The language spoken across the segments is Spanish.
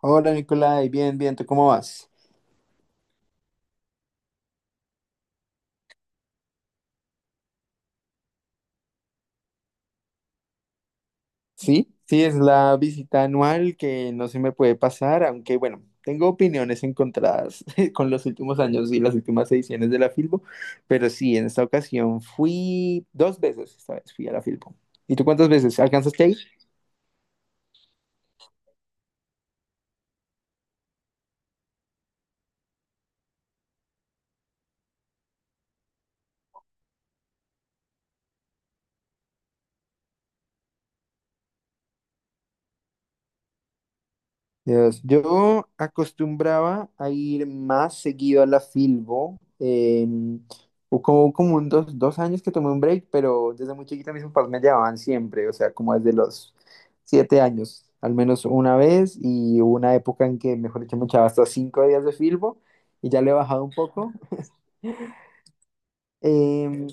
Hola Nicolai, bien, bien, ¿tú cómo vas? Sí, sí, es la visita anual que no se me puede pasar, aunque bueno, tengo opiniones encontradas con los últimos años y las últimas ediciones de la Filbo, pero sí, en esta ocasión fui dos veces, esta vez fui a la Filbo. ¿Y tú cuántas veces? ¿Alcanzaste ahí? Dios, yo acostumbraba a ir más seguido a la Filbo. Como, como un dos años que tomé un break, pero desde muy chiquita mis papás me llevaban siempre, o sea, como desde los 7 años, al menos una vez, y hubo una época en que, mejor dicho, me echaba hasta 5 días de Filbo y ya le he bajado un poco. Em,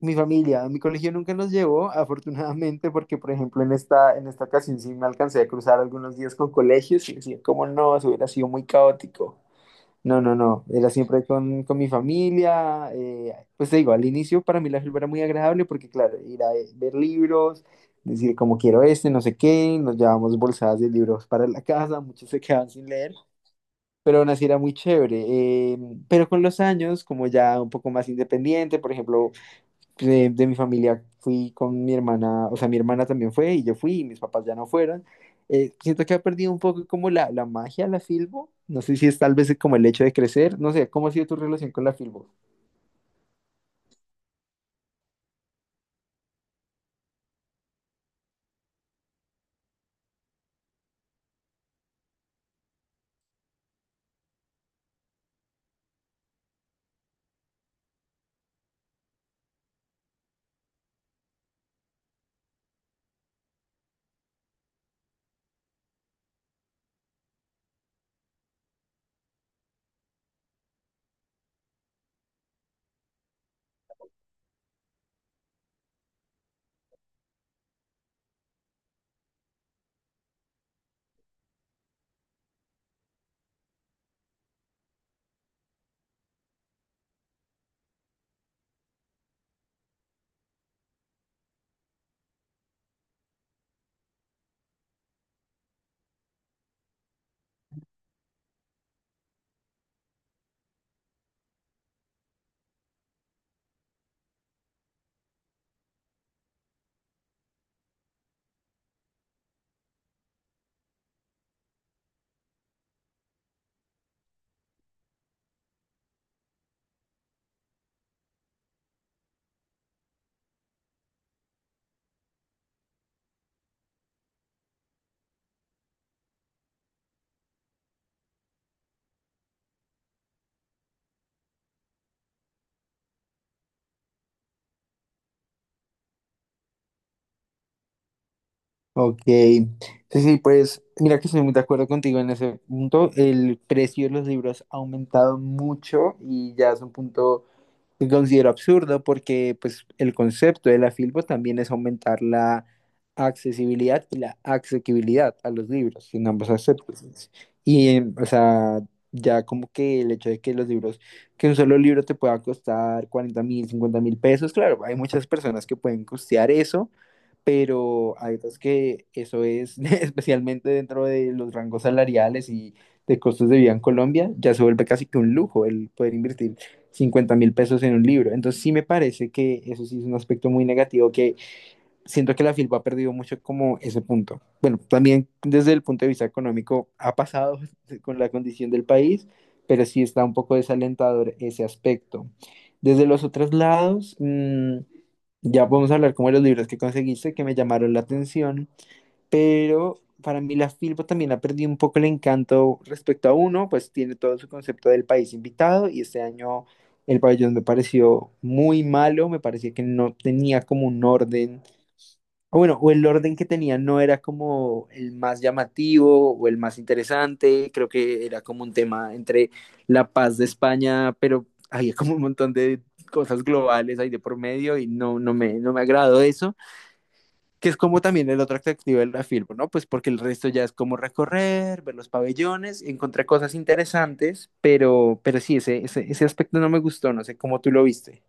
Mi familia, mi colegio nunca nos llevó, afortunadamente, porque por ejemplo en esta ocasión sí me alcancé a cruzar algunos días con colegios y decía, ¿cómo no? Eso hubiera sido muy caótico. No, no, no, era siempre con mi familia. Pues te digo, al inicio para mí la selva era muy agradable porque claro, ir a ver libros, decir como quiero este, no sé qué, nos llevábamos bolsadas de libros para la casa, muchos se quedaban sin leer. Pero aún así era muy chévere. Pero con los años, como ya un poco más independiente, por ejemplo, de mi familia fui con mi hermana, o sea, mi hermana también fue y yo fui y mis papás ya no fueron. Siento que ha perdido un poco como la magia la Filbo. No sé si es tal vez como el hecho de crecer. No sé, ¿cómo ha sido tu relación con la Filbo? Ok. Sí, sí, pues mira que estoy muy de acuerdo contigo en ese punto. El precio de los libros ha aumentado mucho y ya es un punto que considero absurdo porque pues el concepto de la Filbo también es aumentar la accesibilidad y la asequibilidad a los libros en ambos aspectos. Y, o sea, ya como que el hecho de que los libros, que un solo libro te pueda costar 40 mil, 50 mil pesos, claro, hay muchas personas que pueden costear eso, pero hay otras que eso es, especialmente dentro de los rangos salariales y de costos de vida en Colombia, ya se vuelve casi que un lujo el poder invertir 50.000 pesos en un libro. Entonces sí me parece que eso sí es un aspecto muy negativo, que siento que la filpa ha perdido mucho como ese punto. Bueno, también desde el punto de vista económico ha pasado con la condición del país, pero sí está un poco desalentador ese aspecto. Desde los otros lados, ya podemos hablar como de los libros que conseguiste que me llamaron la atención, pero para mí la Filbo también ha perdido un poco el encanto respecto a uno, pues tiene todo su concepto del país invitado y este año el pabellón me pareció muy malo, me parecía que no tenía como un orden, o bueno, o el orden que tenía no era como el más llamativo o el más interesante, creo que era como un tema entre la paz de España, pero había como un montón de cosas globales ahí de por medio y no, no me, no me agradó eso, que es como también el otro atractivo de la film, ¿no? Pues porque el resto ya es como recorrer, ver los pabellones, encontrar cosas interesantes, pero sí, ese aspecto no me gustó, no sé cómo tú lo viste.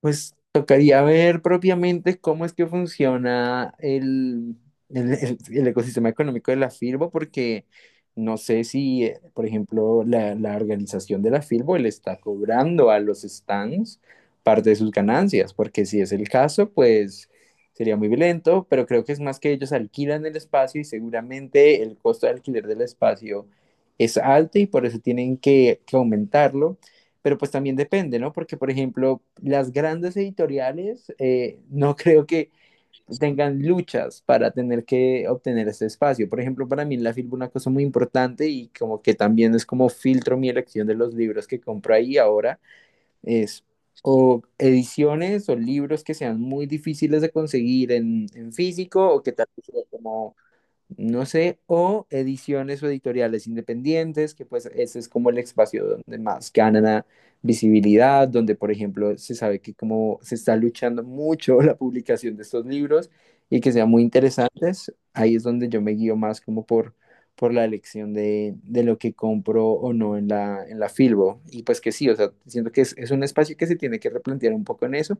Pues tocaría ver propiamente cómo es que funciona el ecosistema económico de la FIRBO, porque no sé si, por ejemplo, la organización de la FIRBO le está cobrando a los stands parte de sus ganancias, porque si es el caso, pues sería muy violento, pero creo que es más que ellos alquilan el espacio y seguramente el costo de alquiler del espacio es alto y por eso tienen que aumentarlo, pero pues también depende, ¿no? Porque, por ejemplo, las grandes editoriales no creo que tengan luchas para tener que obtener este espacio. Por ejemplo, para mí en la filbo una cosa muy importante y como que también es como filtro mi elección de los libros que compro ahí ahora es o ediciones o libros que sean muy difíciles de conseguir en físico o que tal vez como no sé, o ediciones o editoriales independientes, que pues ese es como el espacio donde más ganan a visibilidad, donde por ejemplo se sabe que como se está luchando mucho la publicación de estos libros y que sean muy interesantes, ahí es donde yo me guío más como por la elección de lo que compro o no en la Filbo. Y pues que sí, o sea, siento que es un espacio que se tiene que replantear un poco en eso,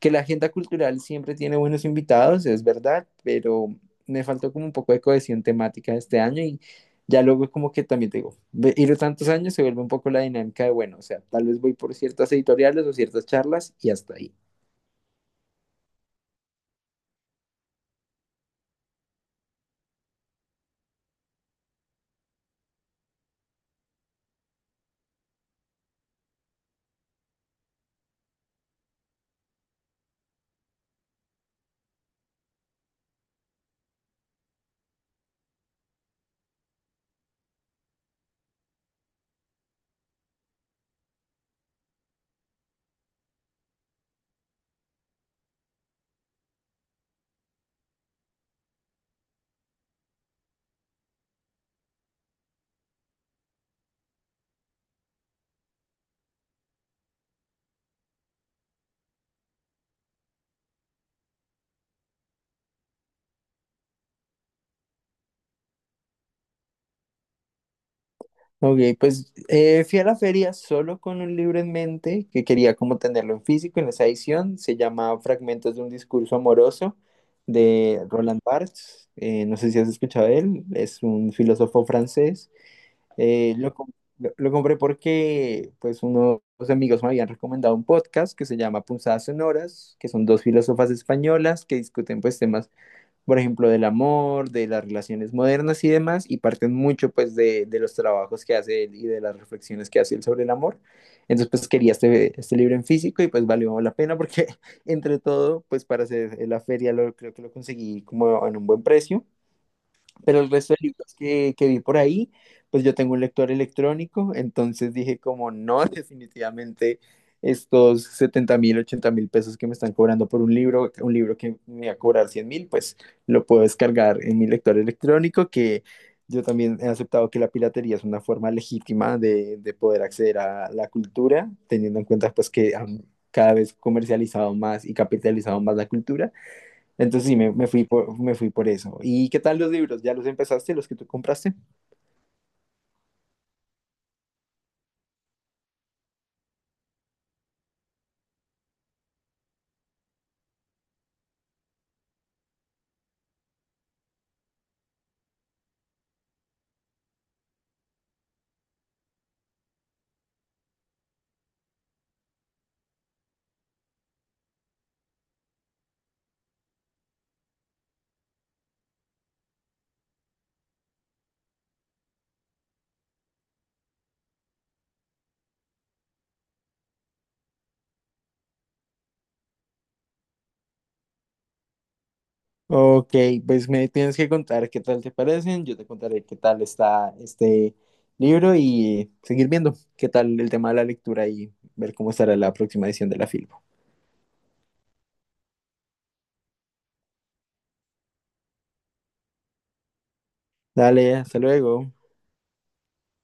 que la agenda cultural siempre tiene buenos invitados, es verdad, pero me faltó como un poco de cohesión temática este año y ya luego como que también te digo, ir tantos años se vuelve un poco la dinámica de, bueno, o sea, tal vez voy por ciertas editoriales o ciertas charlas y hasta ahí. Ok, pues fui a la feria solo con un libro en mente que quería como tenerlo en físico en esa edición. Se llama Fragmentos de un discurso amoroso de Roland Barthes. No sé si has escuchado de él, es un filósofo francés. Eh, lo, com- lo compré porque pues unos amigos me habían recomendado un podcast que se llama Punzadas Sonoras, que son dos filósofas españolas que discuten pues temas, por ejemplo, del amor, de las relaciones modernas y demás, y parten mucho pues de los trabajos que hace él y de las reflexiones que hace él sobre el amor. Entonces pues quería este, este libro en físico y pues valió la pena porque entre todo pues para hacer la feria lo, creo que lo conseguí como en un buen precio. Pero el resto de libros que vi por ahí, pues yo tengo un lector electrónico, entonces dije como no, definitivamente estos 70.000, 80.000 pesos que me están cobrando por un libro que me va a cobrar 100.000, pues lo puedo descargar en mi lector electrónico, que yo también he aceptado que la piratería es una forma legítima de poder acceder a la cultura, teniendo en cuenta pues que han cada vez comercializado más y capitalizado más la cultura. Entonces sí, me fui por eso. ¿Y qué tal los libros? ¿Ya los empezaste, los que tú compraste? Ok, pues me tienes que contar qué tal te parecen, yo te contaré qué tal está este libro y seguir viendo qué tal el tema de la lectura y ver cómo estará la próxima edición de la Filbo. Dale, hasta luego.